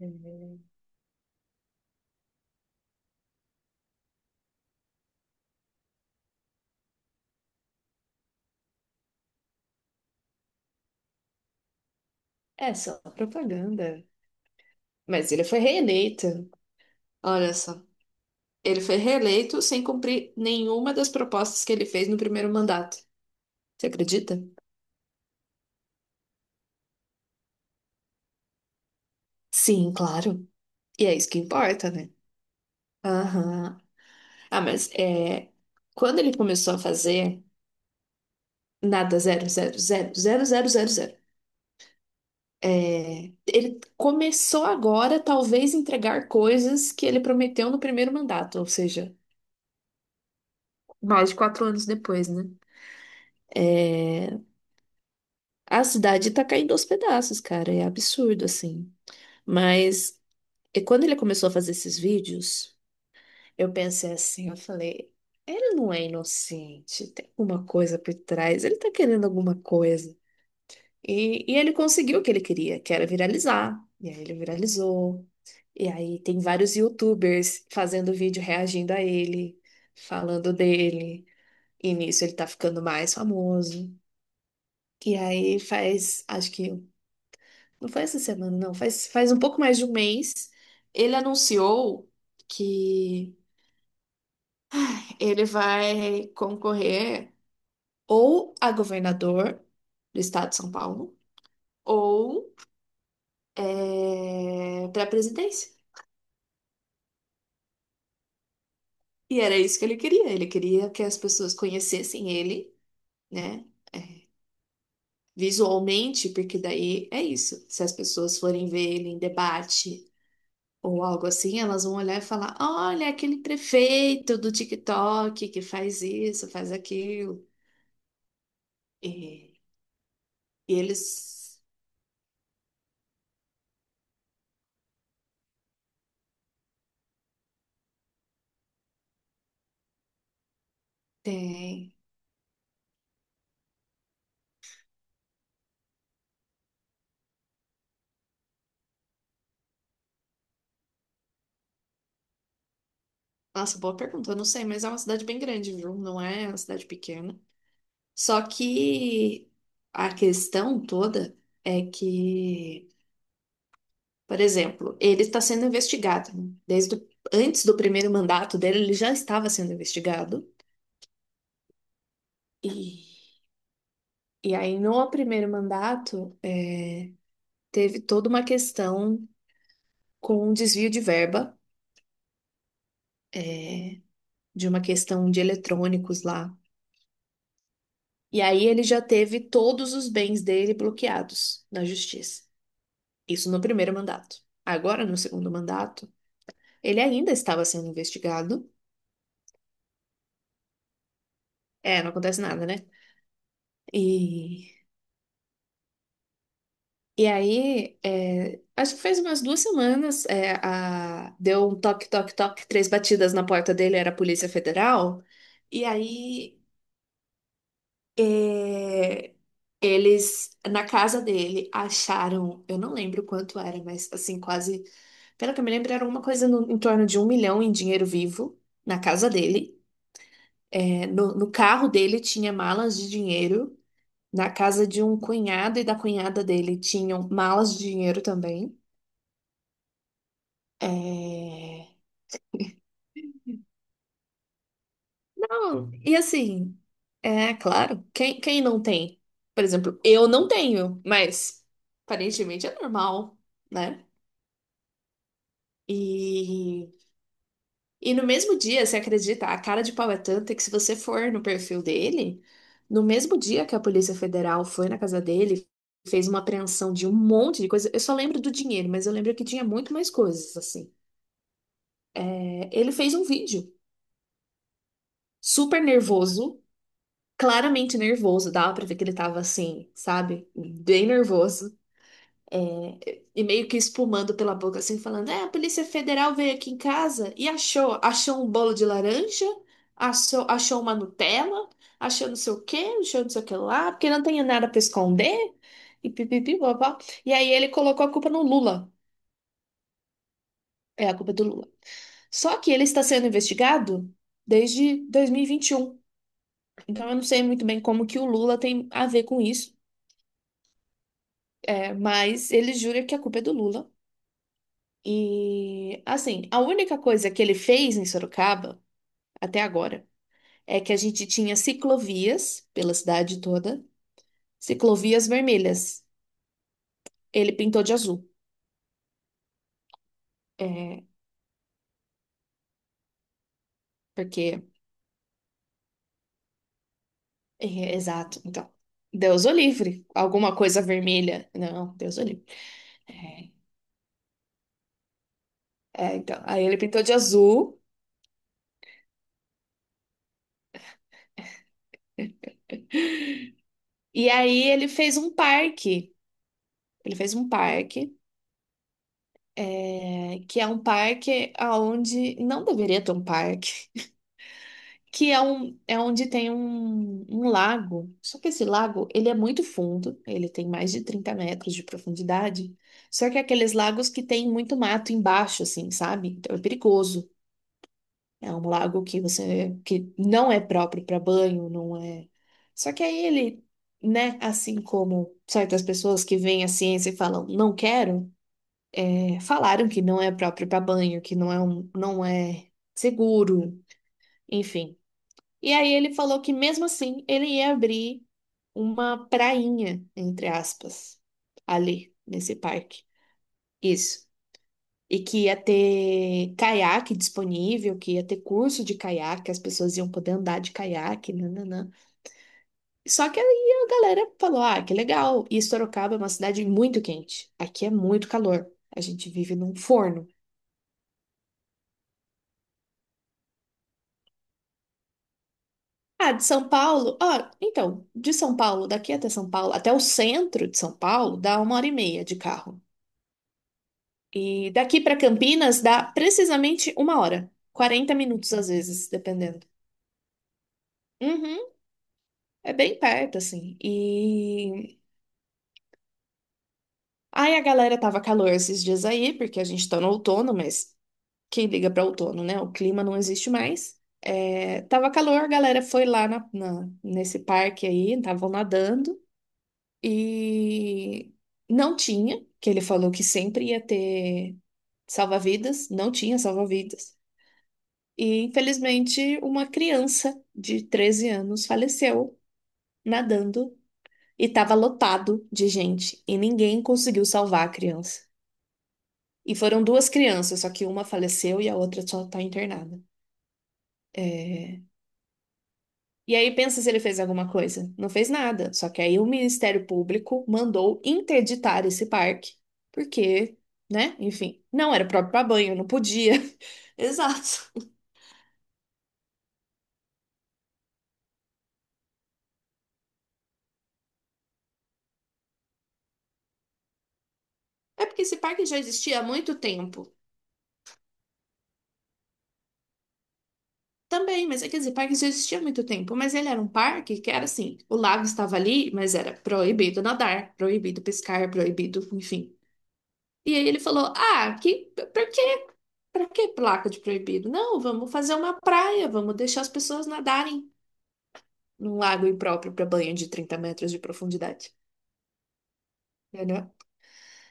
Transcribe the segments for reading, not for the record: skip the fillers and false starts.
É é só propaganda. Mas ele foi reeleito. Olha só. Ele foi reeleito sem cumprir nenhuma das propostas que ele fez no primeiro mandato. Você acredita? Sim, claro. E é isso que importa, né? Aham. Ah, mas é, quando ele começou a fazer nada, zero, zero, zero, zero, zero, zero, zero, é, ele começou agora, talvez, entregar coisas que ele prometeu no primeiro mandato, ou seja, mais de 4 anos depois, né? É, a cidade tá caindo aos pedaços, cara. É absurdo, assim. Mas e quando ele começou a fazer esses vídeos, eu pensei assim, eu falei, ele não é inocente, tem alguma coisa por trás, ele tá querendo alguma coisa. E ele conseguiu o que ele queria, que era viralizar. E aí ele viralizou. E aí tem vários YouTubers fazendo vídeo reagindo a ele, falando dele. E nisso ele tá ficando mais famoso. E aí faz, acho que não foi essa semana, não. Faz um pouco mais de um mês. Ele anunciou que ele vai concorrer ou a governador do estado de São Paulo ou para a presidência. E era isso que ele queria. Ele queria que as pessoas conhecessem ele, né? É, visualmente, porque daí é isso. Se as pessoas forem ver ele em debate ou algo assim, elas vão olhar e falar: olha, aquele prefeito do TikTok que faz isso, faz aquilo. E, e eles têm. Nossa, boa pergunta, eu não sei, mas é uma cidade bem grande, viu? Não é uma cidade pequena. Só que a questão toda é que, por exemplo, ele está sendo investigado, né? Desde antes do primeiro mandato dele, ele já estava sendo investigado. E, e aí, no primeiro mandato, teve toda uma questão com um desvio de verba, é, de uma questão de eletrônicos lá. E aí ele já teve todos os bens dele bloqueados na justiça. Isso no primeiro mandato. Agora, no segundo mandato, ele ainda estava sendo investigado. É, não acontece nada, né? E, e aí, é, acho que faz umas 2 semanas, é, a, deu um toque, toque, toque, três batidas na porta dele, era a Polícia Federal. E aí é, eles, na casa dele, acharam, eu não lembro quanto era, mas assim, quase, pelo que eu me lembro, era uma coisa em torno de um milhão em dinheiro vivo na casa dele. É, no carro dele tinha malas de dinheiro. Na casa de um cunhado e da cunhada dele tinham malas de dinheiro também. É, não, e assim, é claro, quem não tem? Por exemplo, eu não tenho, mas aparentemente é normal, né? E, e no mesmo dia, você acredita, a cara de pau é tanta que se você for no perfil dele, no mesmo dia que a Polícia Federal foi na casa dele, fez uma apreensão de um monte de coisa. Eu só lembro do dinheiro, mas eu lembro que tinha muito mais coisas, assim. É, ele fez um vídeo super nervoso, claramente nervoso, dava pra ver que ele tava assim, sabe? Bem nervoso. E meio que espumando pela boca, assim, falando: É, a Polícia Federal veio aqui em casa e achou um bolo de laranja, achou uma Nutella, achou não sei o quê, achou não sei o que lá, porque não tem nada pra esconder. E pipipi, bobó. E aí ele colocou a culpa no Lula. É, a culpa é do Lula. Só que ele está sendo investigado desde 2021. Então eu não sei muito bem como que o Lula tem a ver com isso, é, mas ele jura que a culpa é do Lula. E, assim, a única coisa que ele fez em Sorocaba, até agora, é que a gente tinha ciclovias pela cidade toda, ciclovias vermelhas. Ele pintou de azul. É, porque, é, exato. Então, Deus o livre. Alguma coisa vermelha. Não, Deus o livre. É, é, então. Aí ele pintou de azul. E aí ele fez um parque. Ele fez um parque. É, que é um parque aonde não deveria ter um parque. Que é, um, é onde tem um lago. Só que esse lago, ele é muito fundo, ele tem mais de 30 metros de profundidade. Só que é aqueles lagos que tem muito mato embaixo, assim, sabe? Então é perigoso. É um lago que você, que não é próprio para banho, não é. Só que aí ele, né, assim como certas pessoas que veem a ciência e falam, não quero, é, falaram que não é próprio para banho, que não é um, não é seguro, enfim. E aí ele falou que mesmo assim ele ia abrir uma prainha, entre aspas, ali nesse parque. Isso. E que ia ter caiaque disponível, que ia ter curso de caiaque, as pessoas iam poder andar de caiaque, nananã. Só que aí a galera falou: ah, que legal. E Sorocaba é uma cidade muito quente. Aqui é muito calor. A gente vive num forno. Ah, de São Paulo? Ó, então, de São Paulo, daqui até São Paulo, até o centro de São Paulo, dá uma hora e meia de carro. E daqui para Campinas dá precisamente uma hora, 40 minutos às vezes, dependendo. Uhum, é bem perto, assim. E aí a galera tava calor esses dias aí, porque a gente tá no outono, mas quem liga pra outono, né? O clima não existe mais. É, tava calor, a galera foi lá nesse parque aí, estavam nadando e não tinha, que ele falou que sempre ia ter salva-vidas, não tinha salva-vidas. E, infelizmente, uma criança de 13 anos faleceu nadando e estava lotado de gente e ninguém conseguiu salvar a criança. E foram duas crianças, só que uma faleceu e a outra só está internada. É, e aí pensa se ele fez alguma coisa. Não fez nada. Só que aí o Ministério Público mandou interditar esse parque, porque, né? Enfim, não era próprio para banho, não podia. Exato. É porque esse parque já existia há muito tempo. Também, mas é, quer dizer, parque já existia há muito tempo, mas ele era um parque que era assim, o lago estava ali, mas era proibido nadar, proibido pescar, proibido, enfim. E aí ele falou: "Ah, que por quê? Pra que placa de proibido? Não, vamos fazer uma praia, vamos deixar as pessoas nadarem num lago impróprio para banho de 30 metros de profundidade."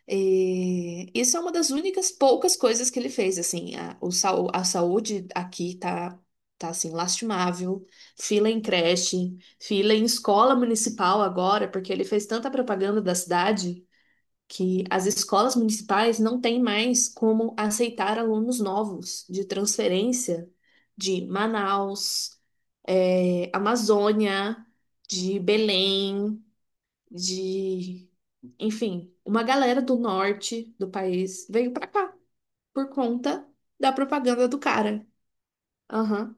E isso é uma das únicas poucas coisas que ele fez, assim, a, o, a saúde aqui tá, assim, lastimável, fila em creche, fila em escola municipal agora, porque ele fez tanta propaganda da cidade que as escolas municipais não têm mais como aceitar alunos novos de transferência de Manaus, Amazônia, de Belém, de, enfim, uma galera do norte do país veio pra cá por conta da propaganda do cara. Aham.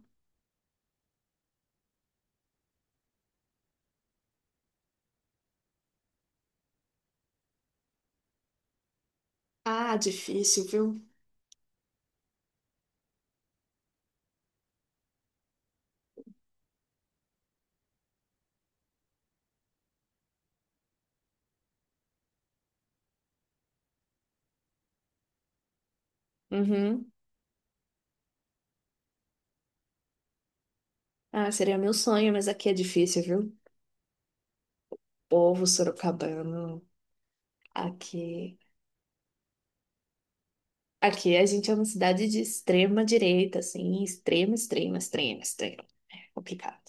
Ah, difícil, viu? Uhum. Ah, seria meu sonho, mas aqui é difícil, viu? Povo sorocabano, aqui. Aqui a gente é uma cidade de extrema direita, assim, extrema, extrema, extrema, extrema. É complicado.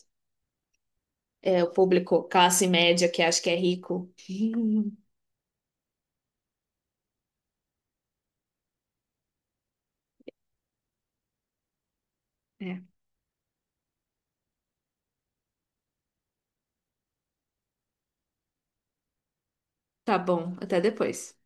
É, o público classe média que acha que é rico. É. Tá bom, até depois.